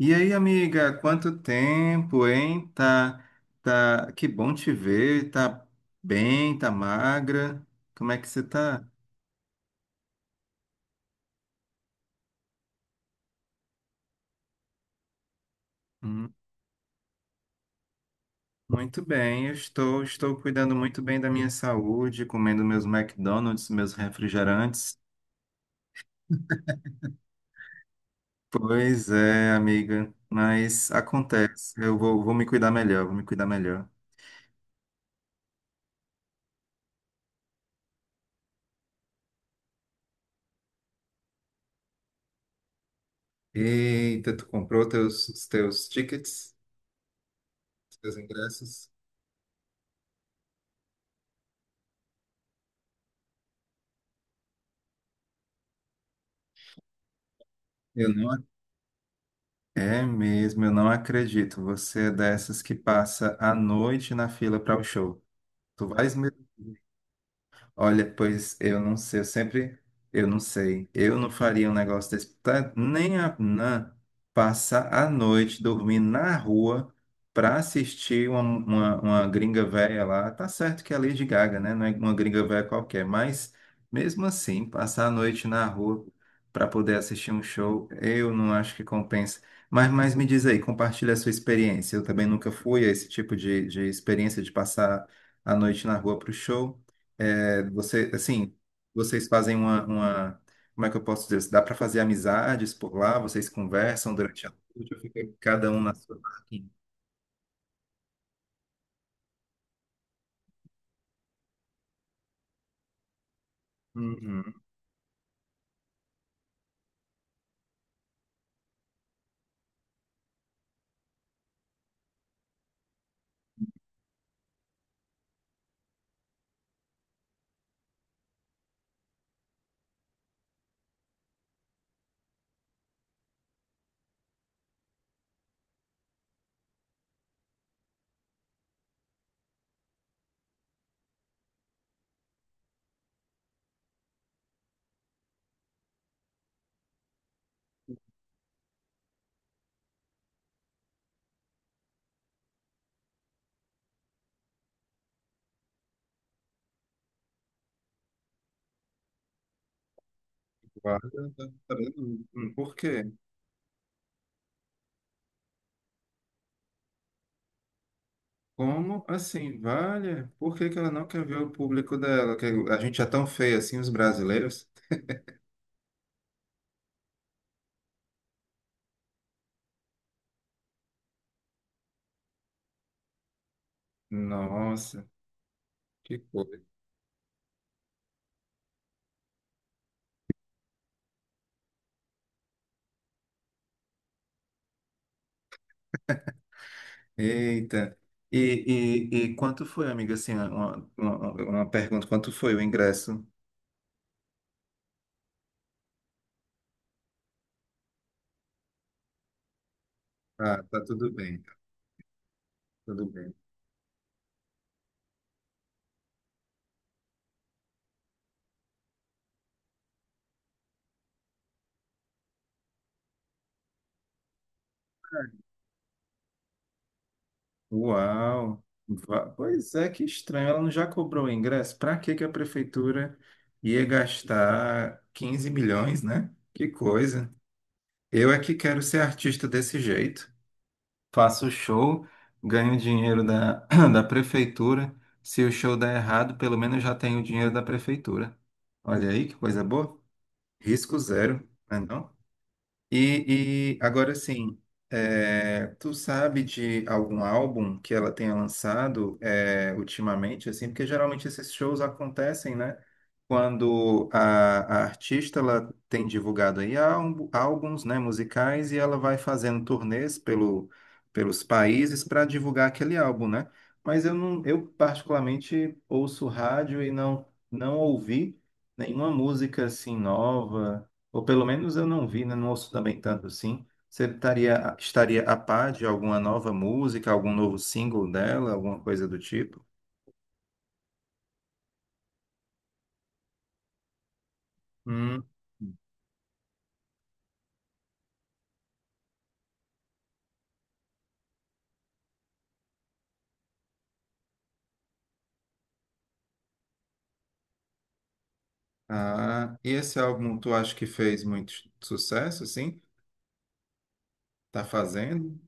E aí, amiga, quanto tempo, hein? Tá, tá, que bom te ver, tá bem, tá magra. Como é que você tá? Hum. Muito bem, eu estou cuidando muito bem da minha saúde, comendo meus McDonald's, meus refrigerantes. Pois é, amiga, mas acontece. Eu vou me cuidar melhor, vou me cuidar melhor. Eita, os teus tickets, os teus ingressos? Eu não É mesmo, eu não acredito. Você é dessas que passa a noite na fila para o show. Tu vais mesmo? Olha, pois eu não sei, eu não faria um negócio desse, tá? Nem a Nan passar a noite dormindo na rua para assistir uma gringa velha lá. Tá certo que é a Lady Gaga, né? Não é uma gringa velha qualquer, mas mesmo assim, passar a noite na rua para poder assistir um show, eu não acho que compensa. Mas me diz aí, compartilha a sua experiência. Eu também nunca fui a esse tipo de experiência de passar a noite na rua para o show. É. Você, assim, vocês fazem como é que eu posso dizer? Dá para fazer amizades por lá? Vocês conversam durante a noite? Ou fica cada um na sua barraquinha? Uhum. Guarda, tá vendo? Hum. Por quê? Como assim? Vale? Por que que ela não quer ver o público dela? Que a gente é tão feio assim, os brasileiros? Nossa, que coisa. Eita. E, e quanto foi, amiga? Assim, uma pergunta: quanto foi o ingresso? Ah, tá tudo bem. Tá Tudo bem. Uau! Pois é, que estranho. Ela não já cobrou o ingresso? Para que que a prefeitura ia gastar 15 milhões, né? Que coisa. Eu é que quero ser artista desse jeito. Faço show, ganho dinheiro da, da prefeitura. Se o show der errado, pelo menos já tenho o dinheiro da prefeitura. Olha aí que coisa boa. Risco zero, né não? E agora sim, é, tu sabe de algum álbum que ela tenha lançado, é, ultimamente, assim, porque geralmente esses shows acontecem, né? Quando a artista ela tem divulgado aí álbuns, né, musicais, e ela vai fazendo turnês pelo, pelos países para divulgar aquele álbum, né? Mas eu não, eu particularmente ouço rádio e não ouvi nenhuma música assim nova. Ou pelo menos eu não vi, né? Não ouço também tanto assim. Você estaria a par de alguma nova música, algum novo single dela, alguma coisa do tipo? Hum. Ah, e esse álbum tu acha que fez muito sucesso, assim? Tá fazendo?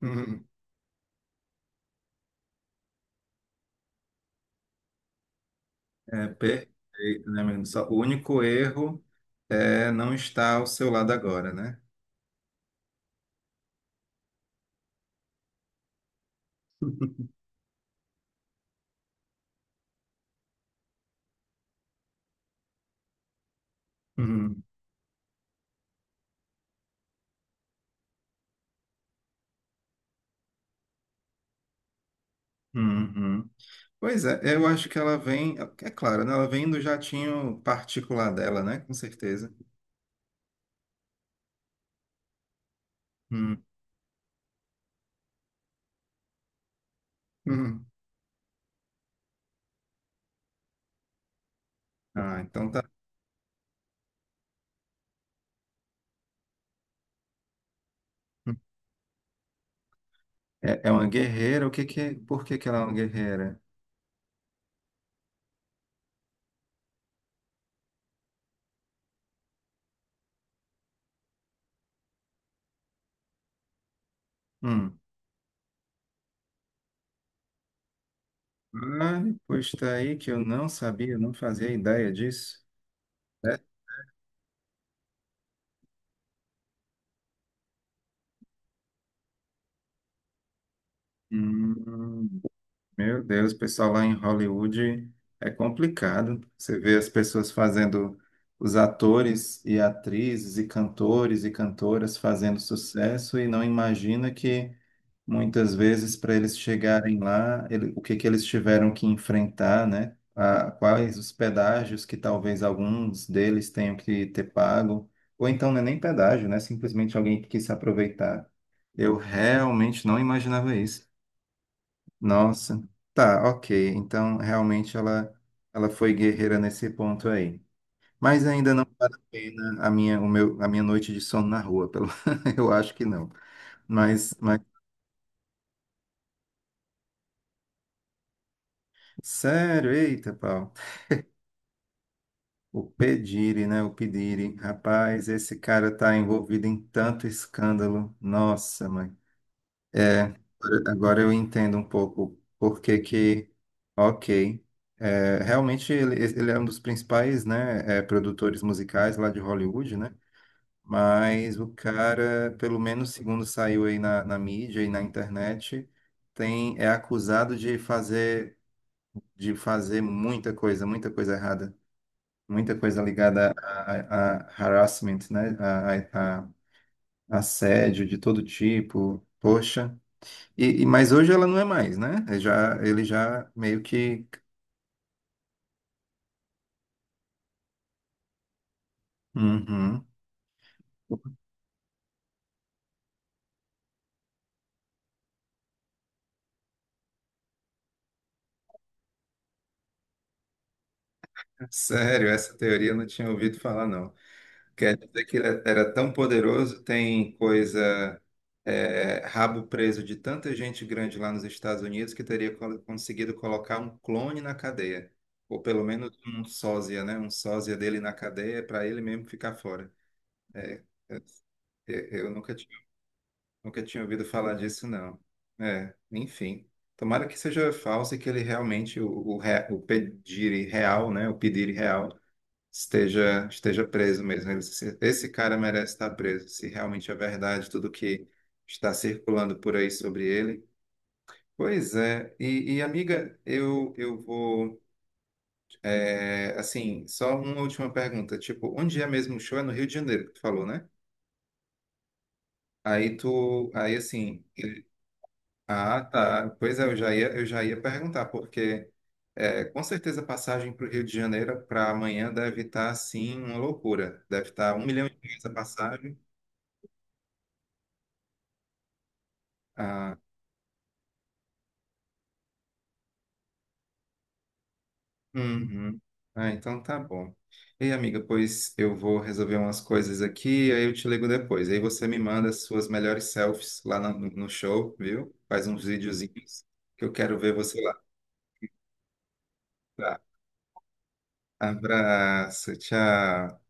Hum. É perfeito, né, menino? Só, o único erro é não estar ao seu lado agora, né? Uhum, uhum. Pois é, eu acho que ela vem, é claro, né? Ela vem do jatinho particular dela, né? Com certeza. Uhum. Ah, então tá. É, é uma guerreira. O que que, por que que ela é uma guerreira? Hum. Ah, pois tá aí que eu não sabia, não fazia ideia disso. É? Hum. Meu Deus, o pessoal lá em Hollywood é complicado. Você vê as pessoas fazendo, os atores e atrizes e cantores e cantoras fazendo sucesso e não imagina que muitas vezes para eles chegarem lá, o que que eles tiveram que enfrentar, né? Quais os pedágios que talvez alguns deles tenham que ter pago, ou então não é nem pedágio, né? Simplesmente alguém que quis se aproveitar. Eu realmente não imaginava isso. Nossa, tá, ok. Então, realmente ela foi guerreira nesse ponto aí. Mas ainda não vale a pena a minha noite de sono na rua, pelo... eu acho que não. Mas, sério, eita, pau. O Pedire, né? O Pedire, rapaz, esse cara tá envolvido em tanto escândalo. Nossa, mãe. É, agora eu entendo um pouco por que que, ok, é, realmente ele é um dos principais, né, é, produtores musicais lá de Hollywood, né, mas o cara, pelo menos segundo saiu aí na mídia e na internet, é acusado de fazer muita coisa errada, muita coisa ligada a harassment, né, a a assédio de todo tipo, poxa. Mas hoje ela não é mais, né? Ele já meio que. Uhum. Sério, essa teoria eu não tinha ouvido falar, não. Quer dizer que ele era tão poderoso, tem coisa, é, rabo preso de tanta gente grande lá nos Estados Unidos que teria conseguido colocar um clone na cadeia. Ou pelo menos um sósia, né? Um sósia dele na cadeia para ele mesmo ficar fora. É, eu nunca nunca tinha ouvido falar disso, não. É, enfim. Tomara que seja falso e que ele realmente, o Pediri real, né? O Pediri real esteja preso mesmo. Esse esse cara merece estar preso, se realmente é verdade tudo que está circulando por aí sobre ele. Pois é. Amiga, eu vou. É, assim, só uma última pergunta. Tipo, onde é mesmo o show? É no Rio de Janeiro que tu falou, né? Aí tu, aí assim, Ah, tá. Pois é, eu já ia perguntar, porque é, com certeza a passagem para o Rio de Janeiro para amanhã deve estar, assim, uma loucura. Deve estar 1 milhão de reais a passagem. Ah, uhum. Ah, então tá bom. Ei, amiga, pois eu vou resolver umas coisas aqui, aí eu te ligo depois. Aí você me manda as suas melhores selfies lá no, no show, viu? Faz uns videozinhos que eu quero ver você lá. Tá. Abraço, tchau.